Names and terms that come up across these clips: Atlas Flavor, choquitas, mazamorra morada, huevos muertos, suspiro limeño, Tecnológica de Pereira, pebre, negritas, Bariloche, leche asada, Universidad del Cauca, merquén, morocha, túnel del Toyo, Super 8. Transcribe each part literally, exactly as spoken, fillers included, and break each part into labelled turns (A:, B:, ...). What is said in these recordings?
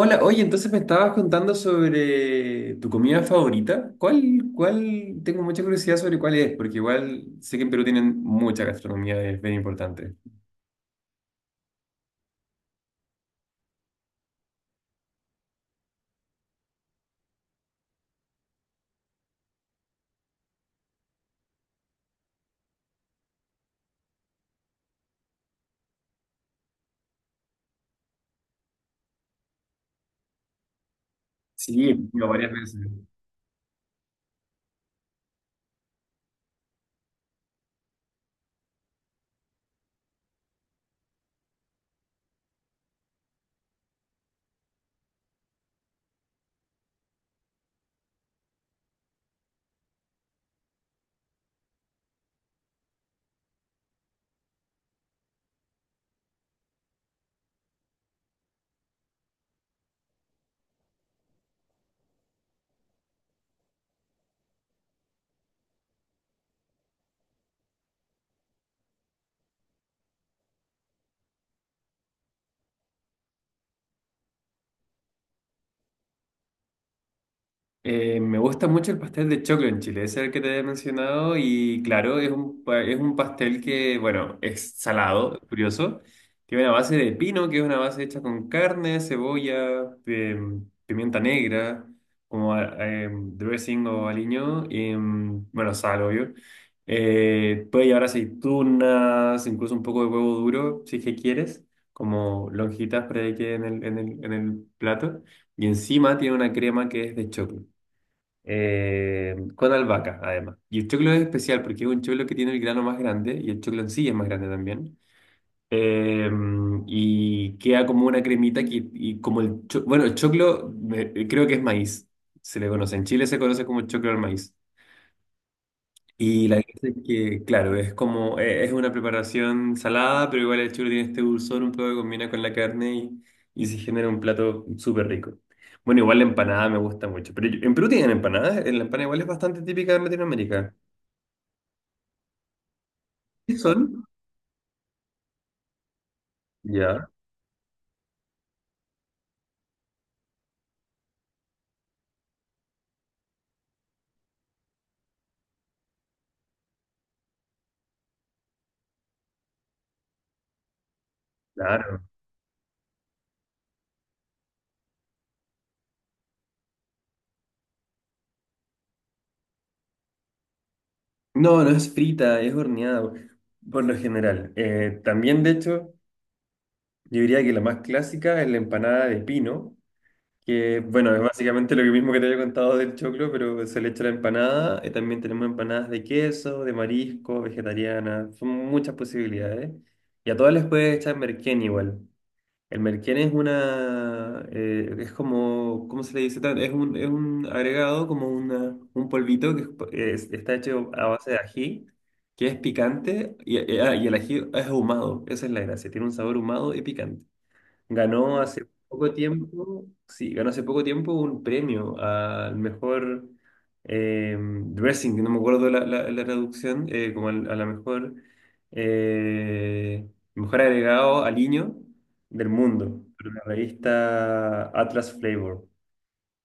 A: Hola, oye, entonces me estabas contando sobre tu comida favorita. ¿Cuál, cuál? Tengo mucha curiosidad sobre cuál es, porque igual sé que en Perú tienen mucha gastronomía, es bien importante. Sí, he ido varias veces. Eh, me gusta mucho el pastel de choclo en Chile, ese es el que te he mencionado y claro, es un, pa- es un pastel que, bueno, es salado, curioso, tiene una base de pino, que es una base hecha con carne, cebolla, em, pimienta negra, como a- em, dressing o aliño, y, em, bueno, sal, obvio. Eh, puede llevar aceitunas, incluso un poco de huevo duro, si es que quieres, como lonjitas para que quede en el, en el, en el plato. Y encima tiene una crema que es de choclo eh, con albahaca, además. Y el choclo es especial porque es un choclo que tiene el grano más grande y el choclo en sí es más grande también. Eh, y queda como una cremita que, y como el cho- bueno, el choclo me- creo que es maíz, se le conoce. En Chile se conoce como choclo al maíz. Y la gracia es que, claro, es como, e- es una preparación salada, pero igual el chulo tiene este dulzor un poco que combina con la carne y, y se genera un plato súper rico. Bueno, igual la empanada me gusta mucho, pero yo- en Perú tienen empanadas, eh, la empanada igual es bastante típica de Latinoamérica. ¿Qué son? Ya, claro. No, no es frita, es horneada por lo general. Eh, también, de hecho, yo diría que la más clásica es la empanada de pino. Que bueno, es básicamente lo mismo que te había contado del choclo, pero se le echa la empanada. eh, También tenemos empanadas de queso, de marisco, vegetariana. Son muchas posibilidades. Y a todas les puedes echar merquén igual. El merquén es una. Eh, es como. ¿Cómo se le dice? Tan- Es un, es un agregado, como una, un polvito que es- po- es- está hecho a base de ají, que es picante y, y ah, y el ají es ahumado. Esa es la gracia. Tiene un sabor ahumado y picante. Ganó hace poco tiempo, sí, ganó hace poco tiempo un premio al mejor eh, dressing, no me acuerdo la, la, la traducción, eh, como al- a la mejor, eh, mejor agregado al niño del mundo, por la revista Atlas Flavor.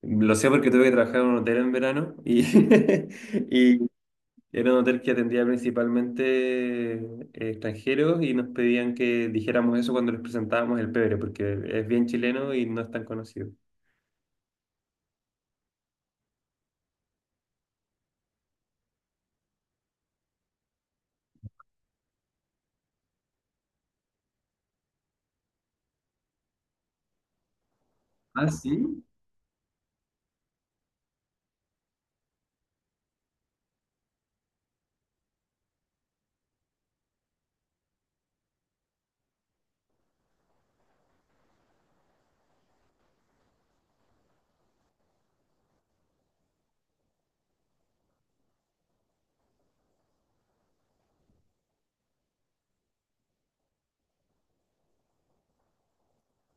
A: Lo sé porque tuve que trabajar en un hotel en verano y, y era un hotel que atendía principalmente eh, extranjeros y nos pedían que dijéramos eso cuando les presentábamos el pebre, porque es bien chileno y no es tan conocido. Ah, sí.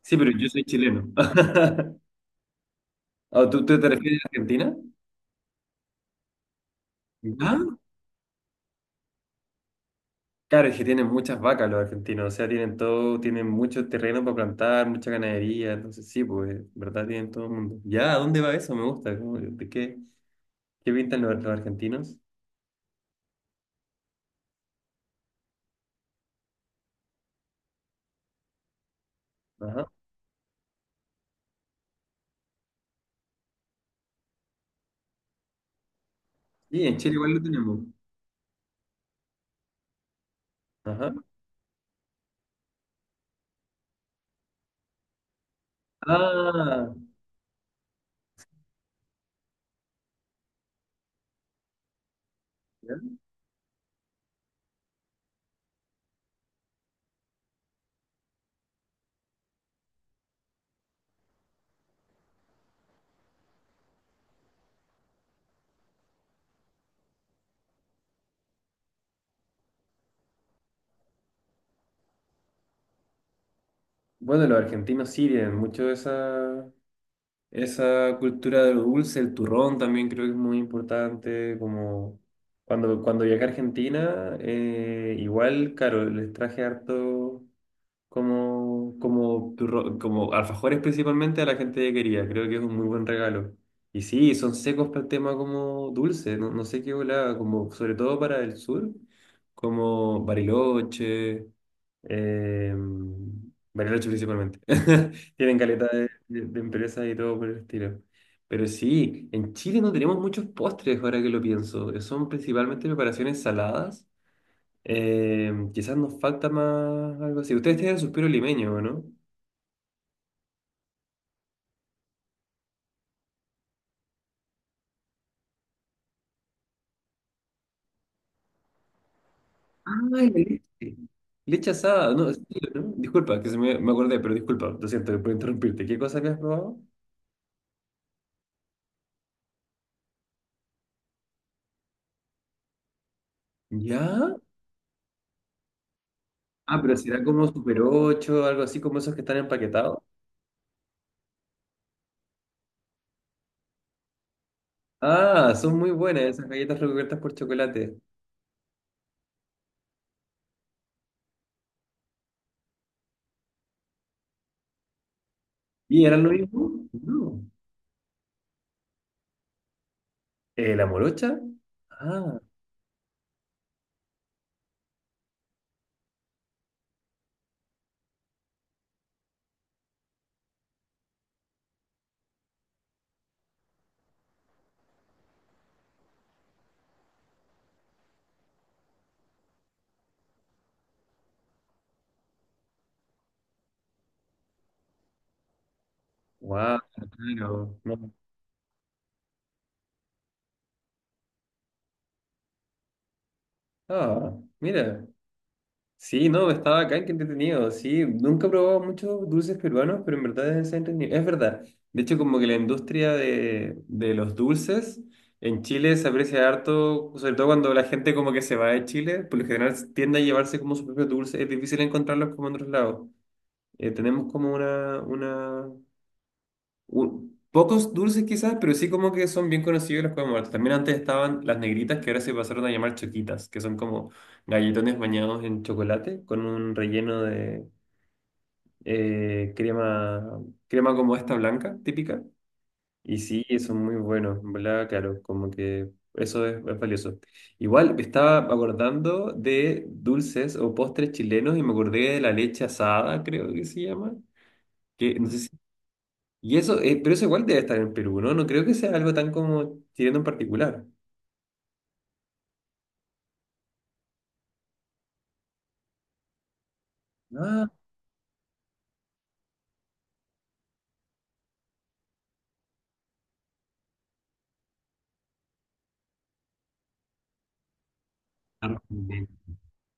A: Sí, pero yo soy chileno. ¿O tú, tú te refieres a Argentina? Ah, claro, es que tienen muchas vacas los argentinos, o sea, tienen todo, tienen mucho terreno para plantar, mucha ganadería, entonces sí, pues, ¿en verdad? Tienen todo el mundo. ¿Ya? ¿A dónde va eso? Me gusta. Como, ¿de qué, qué pintan los, los argentinos? Ajá. Sí, en Chile igual lo tenemos. Ajá. Ah, bien. Bueno, los argentinos sí tienen mucho esa, esa cultura de lo dulce, el turrón también creo que es muy importante, como cuando, cuando viajé a Argentina, eh, igual, claro, les traje harto, como, como, turro- como alfajores principalmente a la gente que quería. Creo que es un muy buen regalo. Y sí, son secos para el tema como dulce, no, no sé qué volaba, como sobre todo para el sur, como Bariloche, eh, Bariloche principalmente. Tienen caleta de, de- de empresas y todo por el estilo. Pero sí, en Chile no tenemos muchos postres ahora que lo pienso. Son principalmente preparaciones saladas, eh, quizás nos falta más algo así. Ustedes tienen suspiro limeño, ¿o no? Ah, la leche. Leche asada, no, sí, ¿no? Disculpa, que se me, me acordé, pero disculpa, lo siento por interrumpirte. ¿Qué cosa habías probado? ¿Ya? Ah, pero será como Super ocho, algo así como esos que están empaquetados. Ah, son muy buenas esas galletas recubiertas por chocolate. ¿Y eran lo mismo? No. Eh, ¿la morocha? Ah, wow, claro. No. Ah, mira. Sí, no, estaba acá, qué entretenido. Sí, nunca he probado muchos dulces peruanos, pero en verdad es entretenido. Es verdad. De hecho, como que la industria de, de los dulces en Chile se aprecia harto, sobre todo cuando la gente como que se va de Chile, por lo general tiende a llevarse como su propio dulce. Es difícil encontrarlos como en otros lados. Eh, tenemos como una, una u- pocos dulces quizás, pero sí como que son bien conocidos los huevos muertos. También antes estaban las negritas que ahora se pasaron a llamar choquitas, que son como galletones bañados en chocolate con un relleno de eh, crema, crema como esta blanca, típica. Y sí, son muy buenos, ¿en verdad? Claro, como que eso es, es valioso. Igual me estaba acordando de dulces o postres chilenos y me acordé de la leche asada, creo que se llama. Que no sé si y eso, eh, pero eso igual debe estar en Perú, ¿no? No creo que sea algo tan como tirando en particular. Ah, Argentina.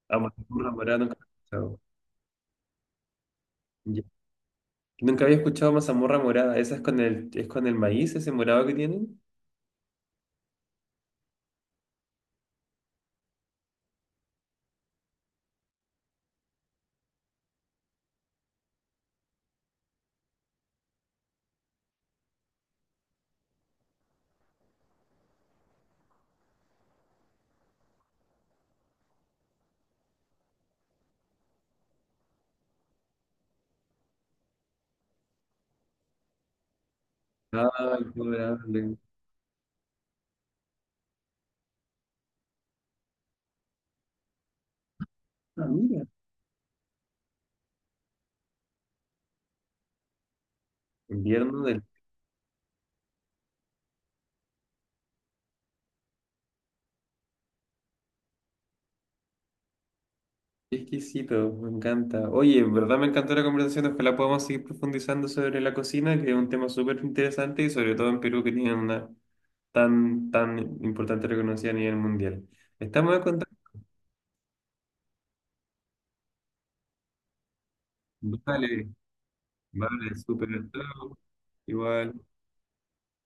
A: Ah, mazamorra morada nunca había escuchado. Ya. Nunca había escuchado mazamorra morada. ¿Esa es con el, es con el maíz, ese morado que tienen? Ah, qué adorable. Ah, mira. Invierno del... Qué exquisito, me encanta. Oye, en verdad me encantó la conversación. Ojalá podamos seguir profundizando sobre la cocina, que es un tema súper interesante y sobre todo en Perú que tienen una tan, tan importante reconocida a nivel mundial. Estamos en vale, vale, súper estado. Igual.